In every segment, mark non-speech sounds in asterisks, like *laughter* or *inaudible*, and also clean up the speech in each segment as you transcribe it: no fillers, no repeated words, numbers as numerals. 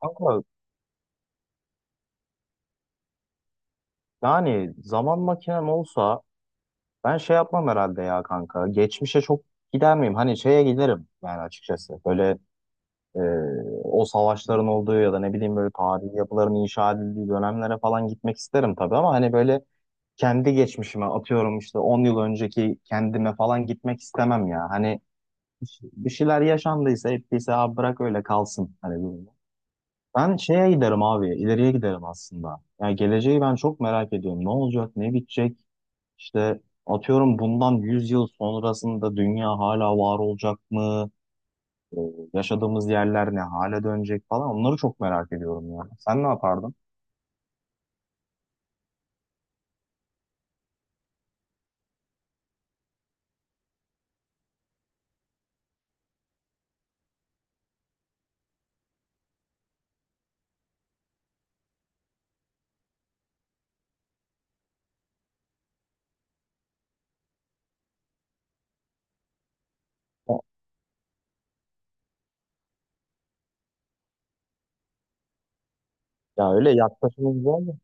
Kanka yani zaman makinem olsa ben şey yapmam herhalde ya kanka. Geçmişe çok gider miyim? Hani şeye giderim yani açıkçası. Böyle e, o savaşların olduğu ya da ne bileyim böyle tarihi yapıların inşa edildiği dönemlere falan gitmek isterim tabii ama hani böyle kendi geçmişime atıyorum işte 10 yıl önceki kendime falan gitmek istemem ya. Hani bir şeyler yaşandıysa ettiyse abi bırak öyle kalsın hani durumu. Ben şeye giderim abi, ileriye giderim aslında. Yani geleceği ben çok merak ediyorum. Ne olacak, ne bitecek? İşte atıyorum bundan 100 yıl sonrasında dünya hala var olacak mı? Ee, yaşadığımız yerler ne hale dönecek falan onları çok merak ediyorum ya. Sen ne yapardın? Ya ya öyle yaklaşımı güzel de.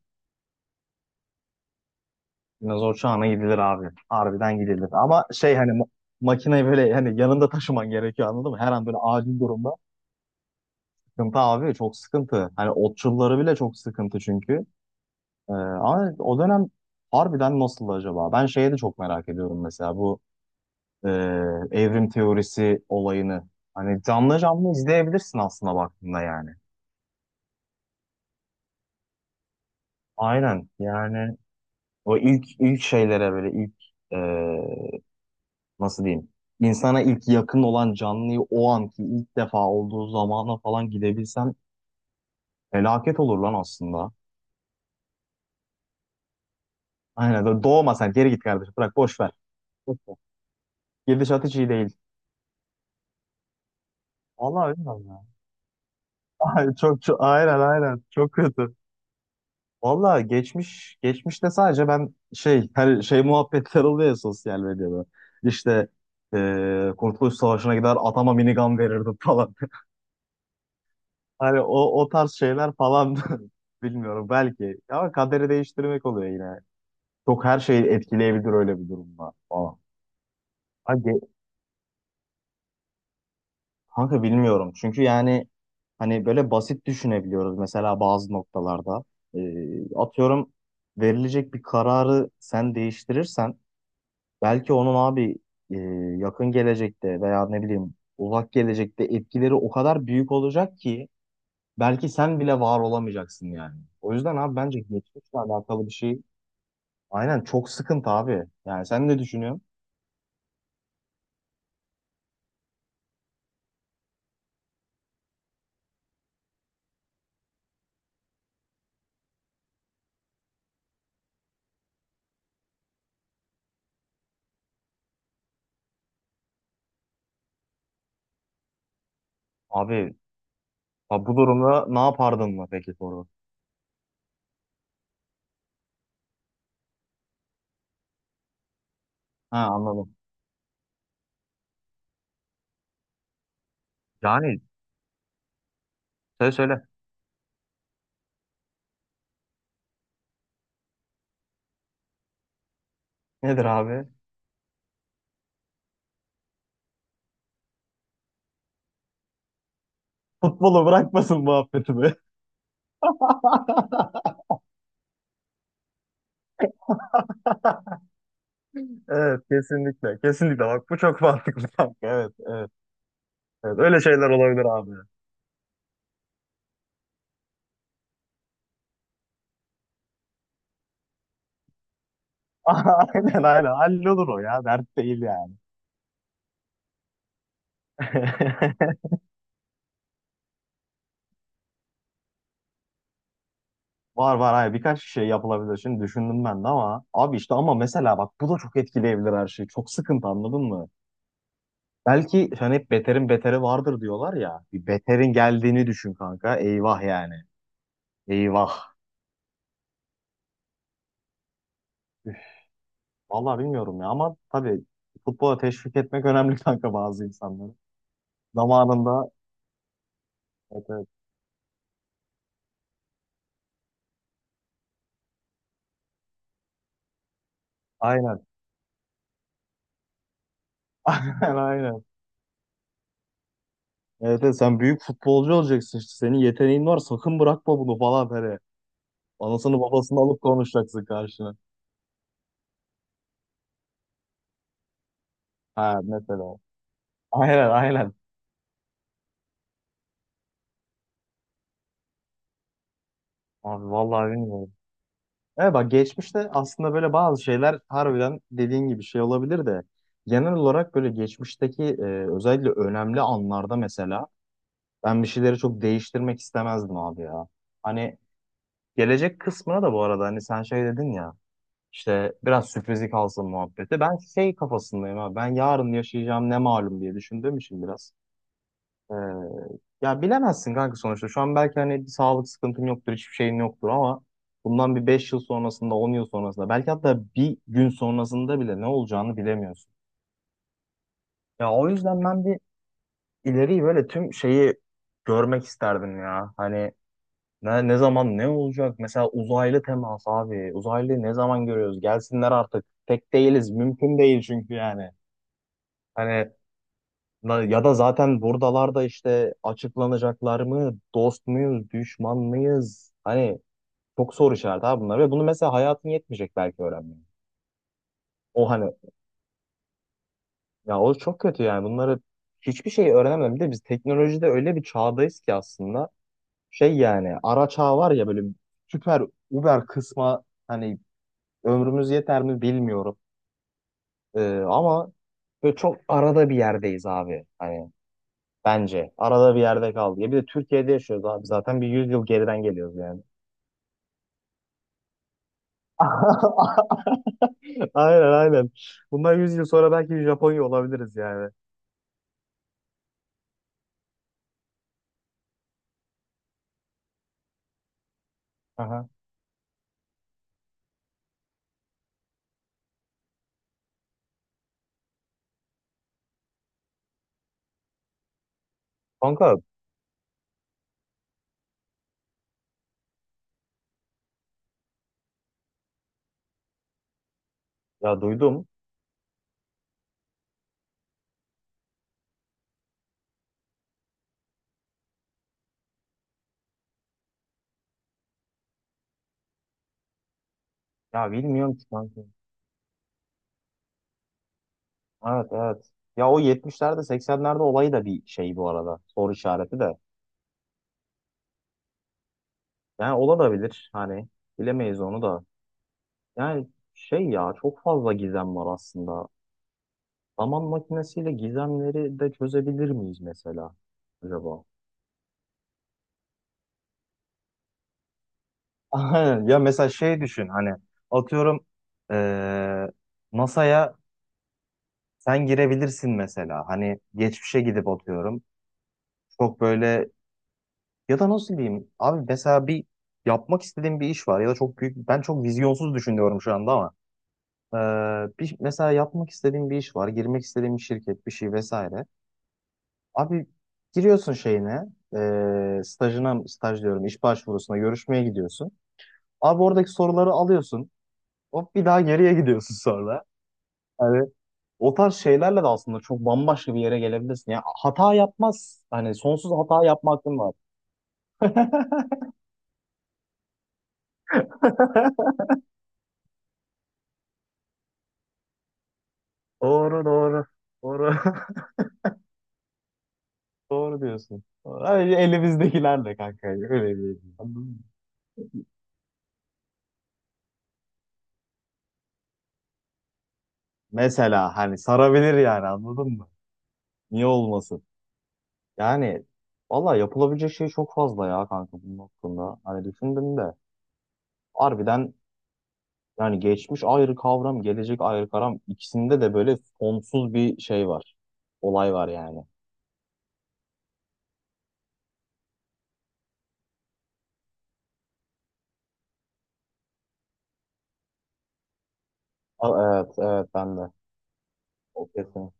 Dinozor çağına gidilir abi. Harbiden gidilir. Ama şey hani makineyi böyle hani yanında taşıman gerekiyor anladın mı? Her an böyle acil durumda. Sıkıntı abi çok sıkıntı. Hani otçulları bile çok sıkıntı çünkü. Ama o dönem harbiden nasıldı acaba? Ben şeye de çok merak ediyorum mesela bu e, evrim teorisi olayını. Hani canlı canlı izleyebilirsin aslında baktığında yani. Aynen yani o ilk şeylere böyle ilk e, nasıl diyeyim insana ilk yakın olan canlıyı o anki ilk defa olduğu zamana falan gidebilsen felaket olur lan aslında. Aynen doğma sen geri git kardeşim bırak boş ver. Boş ver. Gidişat hiç iyi değil. Vallahi bilmiyorum ya. Ay, çok aynen aynen çok kötü. Valla geçmişte sadece ben şey her şey muhabbetler oluyor ya sosyal medyada. İşte Kurtuluş Savaşı'na gider atama minigun verirdim falan. *laughs* Hani o tarz şeyler falan *laughs* bilmiyorum belki. Ama kaderi değiştirmek oluyor yine. Çok her şeyi etkileyebilir öyle bir durumda. Falan. Ha, kanka bilmiyorum. Çünkü yani hani böyle basit düşünebiliyoruz mesela bazı noktalarda. Atıyorum verilecek bir kararı sen değiştirirsen belki onun abi e, yakın gelecekte veya ne bileyim uzak gelecekte etkileri o kadar büyük olacak ki belki sen bile var olamayacaksın yani. O yüzden abi bence geçmişle alakalı bir şey aynen çok sıkıntı abi. Yani sen ne düşünüyorsun? Abi ha bu durumda ne yapardın mı peki soru? Ha anladım. Yani söyle söyle. Nedir abi? Futbolu bırakmasın muhabbeti be. *laughs* Evet kesinlikle kesinlikle bak bu çok mantıklı kanka, evet evet evet, öyle şeyler olabilir abi. *laughs* Aynen aynen, hallolur o ya dert değil yani. *laughs* Var var, hayır birkaç şey yapılabilir. Şimdi düşündüm ben de ama abi işte ama mesela bak bu da çok etkileyebilir her şeyi. Çok sıkıntı anladın mı? Belki hani hep beterin beteri vardır diyorlar ya. Bir beterin geldiğini düşün kanka. Eyvah yani. Eyvah. Üf, vallahi bilmiyorum ya ama tabii futbola teşvik etmek önemli *laughs* kanka bazı insanları. Zamanında evet, evet. Aynen. *laughs* Aynen aynen. Evet, evet, sen büyük futbolcu olacaksın işte. Senin yeteneğin var. Sakın bırakma bunu falan böyle. Anasını babasını alıp konuşacaksın karşına. Ha mesela. Aynen aynen. Abi vallahi bilmiyorum. Evet bak geçmişte aslında böyle bazı şeyler harbiden dediğin gibi şey olabilir de genel olarak böyle geçmişteki özellikle önemli anlarda mesela ben bir şeyleri çok değiştirmek istemezdim abi ya. Hani gelecek kısmına da bu arada hani sen şey dedin ya, İşte biraz sürprizi kalsın muhabbeti. Ben şey kafasındayım abi. Ben yarın yaşayacağım ne malum diye düşündüğüm için biraz. Ee, ya bilemezsin kanka sonuçta. Şu an belki hani bir sağlık sıkıntın yoktur, hiçbir şeyin yoktur ama bundan bir 5 yıl sonrasında, 10 yıl sonrasında, belki hatta bir gün sonrasında bile ne olacağını bilemiyorsun. Ya o yüzden ben bir ileriyi böyle tüm şeyi görmek isterdim ya. Hani ne zaman ne olacak? Mesela uzaylı temas abi. Uzaylı ne zaman görüyoruz? Gelsinler artık. Tek değiliz. Mümkün değil çünkü yani. Hani ya da zaten buradalar da işte açıklanacaklar mı? Dost muyuz? Düşman mıyız? Hani çok soru işareti abi bunlar. Ve bunu mesela hayatın yetmeyecek belki öğrenmeye. O hani ya o çok kötü yani. Bunları hiçbir şey öğrenemem. Bir de biz teknolojide öyle bir çağdayız ki aslında. Şey yani ara çağ var ya böyle süper Uber kısma hani ömrümüz yeter mi bilmiyorum. Ama böyle çok arada bir yerdeyiz abi. Hani bence arada bir yerde kaldı. Ya bir de Türkiye'de yaşıyoruz abi. Zaten bir 100 yıl geriden geliyoruz yani. *laughs* Aynen aynen. Bundan 100 yıl sonra belki Japonya olabiliriz yani. Aha. Kanka ya duydum. Ya bilmiyorum ki kanka. Evet evet. Ya o 70'lerde 80'lerde olayı da bir şey bu arada. Soru işareti de. Yani olabilir. Hani bilemeyiz onu da. Yani şey ya çok fazla gizem var aslında. Zaman makinesiyle gizemleri de çözebilir miyiz mesela acaba? *laughs* Aynen. Ya mesela şey düşün hani atıyorum eee NASA'ya sen girebilirsin mesela. Hani geçmişe gidip atıyorum. Çok böyle ya da nasıl diyeyim abi mesela bir yapmak istediğim bir iş var ya da çok büyük ben çok vizyonsuz düşünüyorum şu anda ama bir, mesela yapmak istediğim bir iş var girmek istediğim bir şirket bir şey vesaire. Abi giriyorsun şeyine, stajına, staj diyorum, iş başvurusuna görüşmeye gidiyorsun. Abi oradaki soruları alıyorsun. Hop bir daha geriye gidiyorsun *laughs* sonra. Hani o tarz şeylerle de aslında çok bambaşka bir yere gelebilirsin. Yani hata yapmaz. Hani sonsuz hata yapma hakkın var. *laughs* Doğru doğru. Doğru. *laughs* Doğru diyorsun. Doğru. Hani elimizdekilerle kanka. Öyle bir. Anladın mı? Mesela hani sarabilir yani anladın mı? Niye olmasın? Yani valla yapılabilecek şey çok fazla ya kanka bunun hakkında. Hani düşündüm de harbiden yani geçmiş ayrı kavram, gelecek ayrı kavram ikisinde de böyle sonsuz bir şey var. Olay var yani. Evet, evet ben de. O kesin.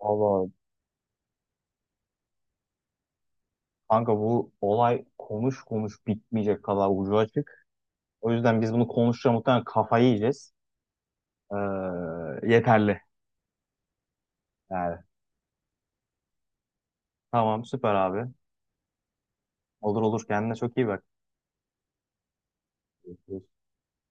Valla kanka bu olay konuş konuş bitmeyecek kadar ucu açık. O yüzden biz bunu konuşacağız muhtemelen kafayı yiyeceğiz. Ee, yeterli yani. Tamam süper abi. Olur olur kendine çok iyi bak.